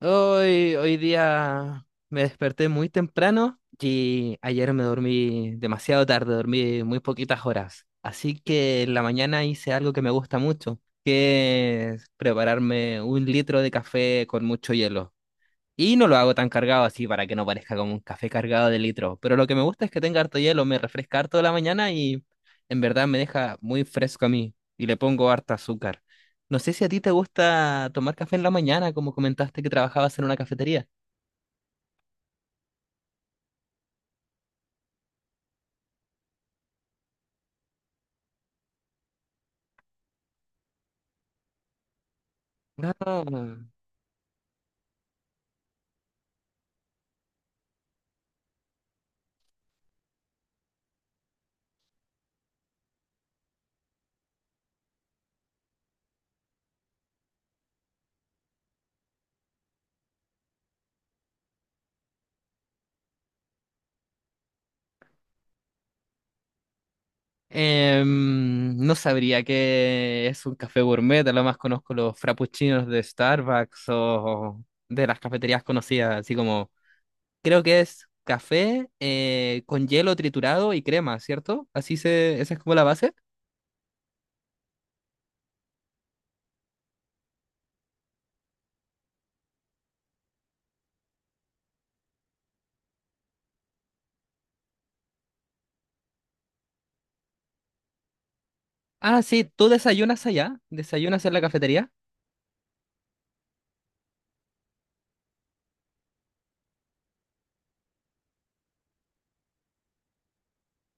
Hoy día me desperté muy temprano y ayer me dormí demasiado tarde, dormí muy poquitas horas. Así que en la mañana hice algo que me gusta mucho, que es prepararme un litro de café con mucho hielo. Y no lo hago tan cargado así para que no parezca como un café cargado de litro. Pero lo que me gusta es que tenga harto hielo, me refresca harto la mañana y en verdad me deja muy fresco a mí. Y le pongo harta azúcar. No sé si a ti te gusta tomar café en la mañana, como comentaste que trabajabas en una cafetería. Ah. No sabría qué es un café gourmet, a lo más conozco los frappuccinos de Starbucks o de las cafeterías conocidas, así como. Creo que es café con hielo triturado y crema, ¿cierto? Así se, esa es como la base. Ah, sí, ¿tú desayunas allá? ¿Desayunas en la cafetería?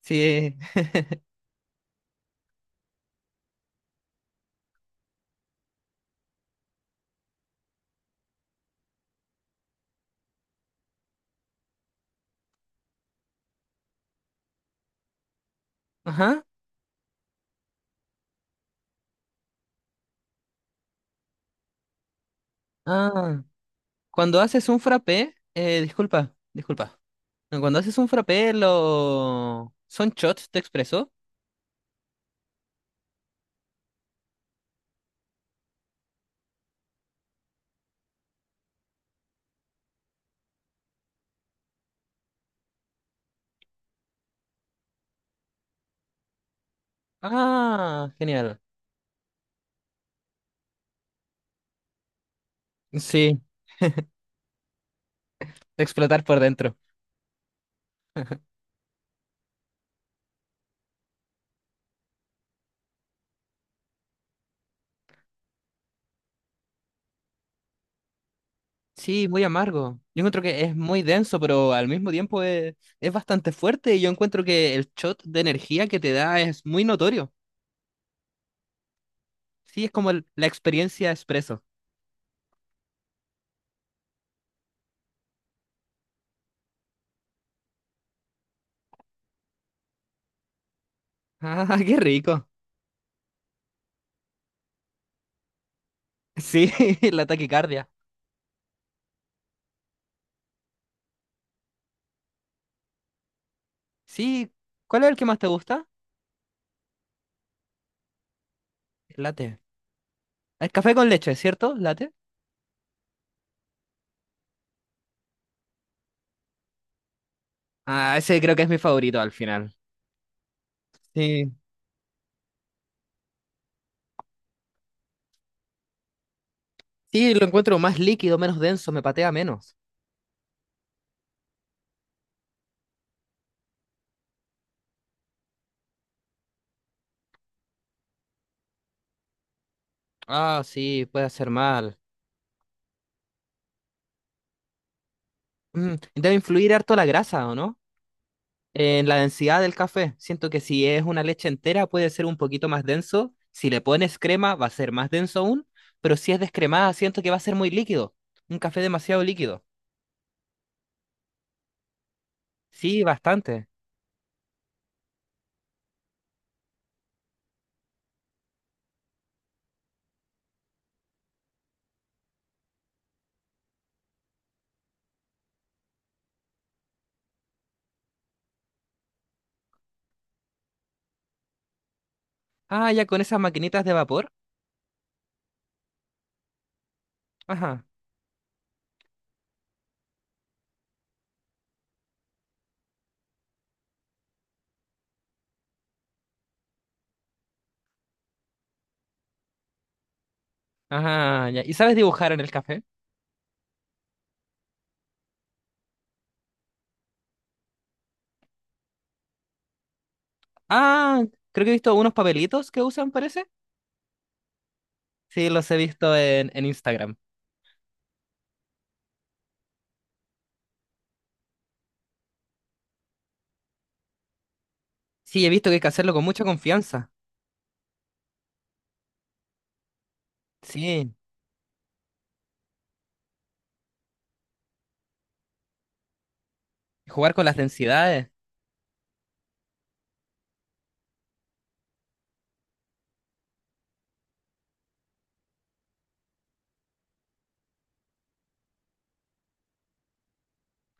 Sí. Ajá. Ah, cuando haces un frappé, disculpa. No, cuando haces un frappé, lo ¿son shots de expreso? Ah, genial. Sí, explotar por dentro. Sí, muy amargo. Yo encuentro que es muy denso, pero al mismo tiempo es bastante fuerte y yo encuentro que el shot de energía que te da es muy notorio. Sí, es como el- la experiencia expreso. Ah, qué rico. Sí, la taquicardia. Sí, ¿cuál es el que más te gusta? El latte. El café con leche, ¿cierto? Latte. Ah, ese creo que es mi favorito al final. Sí. Sí, lo encuentro más líquido, menos denso, me patea menos. Ah, sí, puede hacer mal. Mm, debe influir harto la grasa, ¿o no? En la densidad del café, siento que si es una leche entera puede ser un poquito más denso. Si le pones crema va a ser más denso aún, pero si es descremada siento que va a ser muy líquido. Un café demasiado líquido. Sí, bastante. Ah, ya con esas maquinitas de vapor. Ajá. Ajá, ya. ¿Y sabes dibujar en el café? Ah, creo que he visto unos papelitos que usan, parece. Sí, los he visto en Instagram. Sí, he visto que hay que hacerlo con mucha confianza. Sí, jugar con las densidades,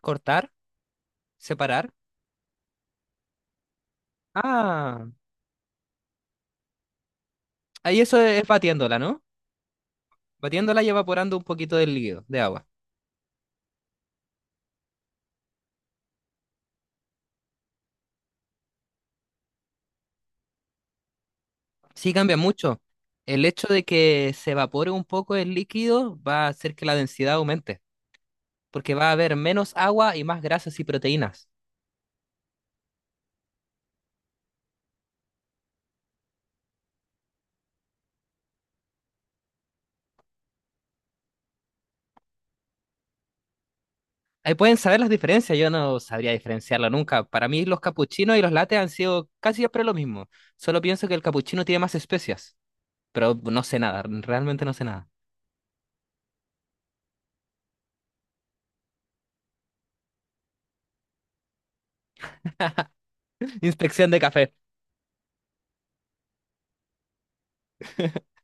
cortar, separar. Ah. Ahí eso es batiéndola, ¿no? Batiéndola y evaporando un poquito del líquido, de agua. Sí cambia mucho. El hecho de que se evapore un poco el líquido va a hacer que la densidad aumente, porque va a haber menos agua y más grasas y proteínas. Ahí pueden saber las diferencias, yo no sabría diferenciarlo nunca. Para mí los capuchinos y los lates han sido casi siempre lo mismo. Solo pienso que el capuchino tiene más especias, pero no sé nada, realmente no sé nada. Inspección de café.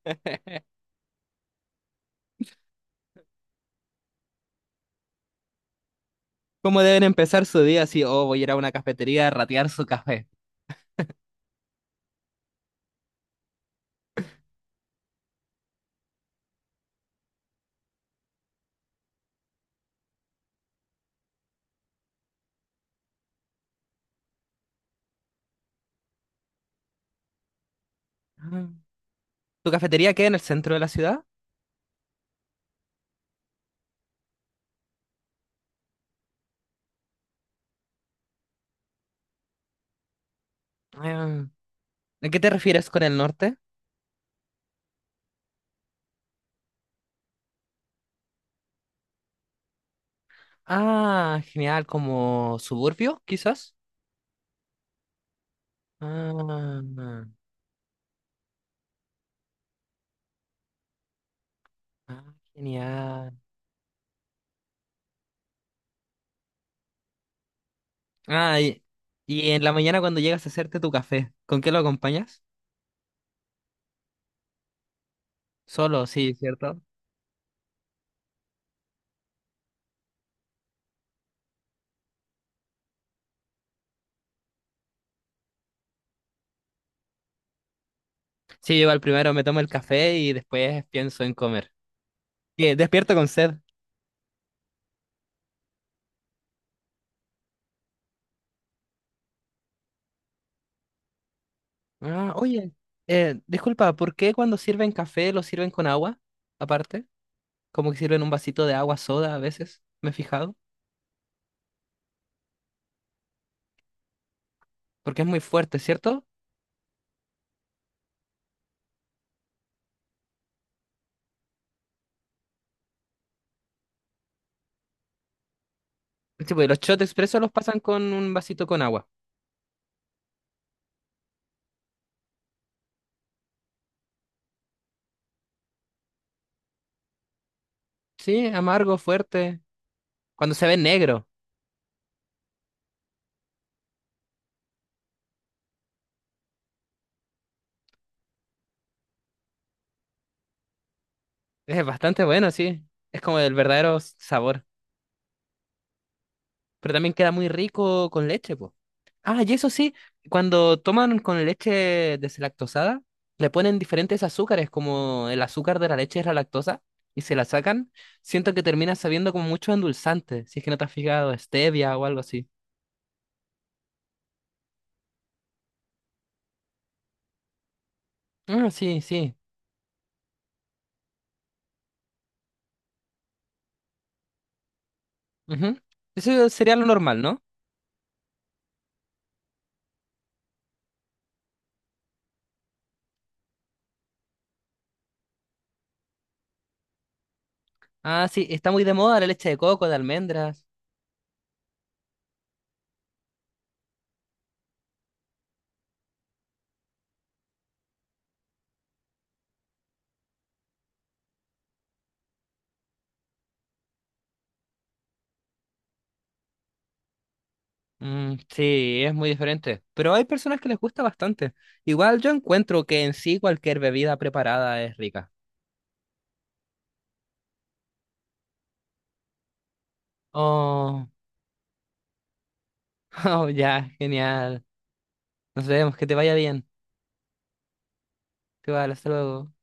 ¿Cómo deben empezar su día si, oh, voy a ir a una cafetería a ratear su café? Ah. ¿Tu cafetería queda en el centro de la ciudad? Ah. ¿A qué te refieres con el norte? Ah, genial, como suburbio, quizás. Ah, ah, genial. Ah, y en la mañana cuando llegas a hacerte tu café, ¿con qué lo acompañas? Solo, sí, ¿cierto? Sí, yo al primero me tomo el café y después pienso en comer. Que despierto con sed. Ah, oye, disculpa, ¿por qué cuando sirven café lo sirven con agua aparte? Como que sirven un vasito de agua soda a veces, me he fijado, porque es muy fuerte, ¿cierto? Sí, pues los shots expresos los pasan con un vasito con agua. Sí, amargo, fuerte, cuando se ve negro, es bastante bueno, sí, es como el verdadero sabor, pero también queda muy rico con leche, pues. Ah, y eso sí, cuando toman con leche deslactosada, le ponen diferentes azúcares, como el azúcar de la leche es la lactosa, y se la sacan, siento que termina sabiendo como mucho endulzante, si es que no te has fijado, stevia o algo así. Ah, sí, sí. Ujú. Eso sería lo normal, ¿no? Ah, sí, está muy de moda la leche de coco, de almendras. Mm, sí, es muy diferente. Pero hay personas que les gusta bastante. Igual yo encuentro que en sí cualquier bebida preparada es rica. Oh, oh, ya, genial. Nos vemos, que te vaya bien. Igual, hasta luego.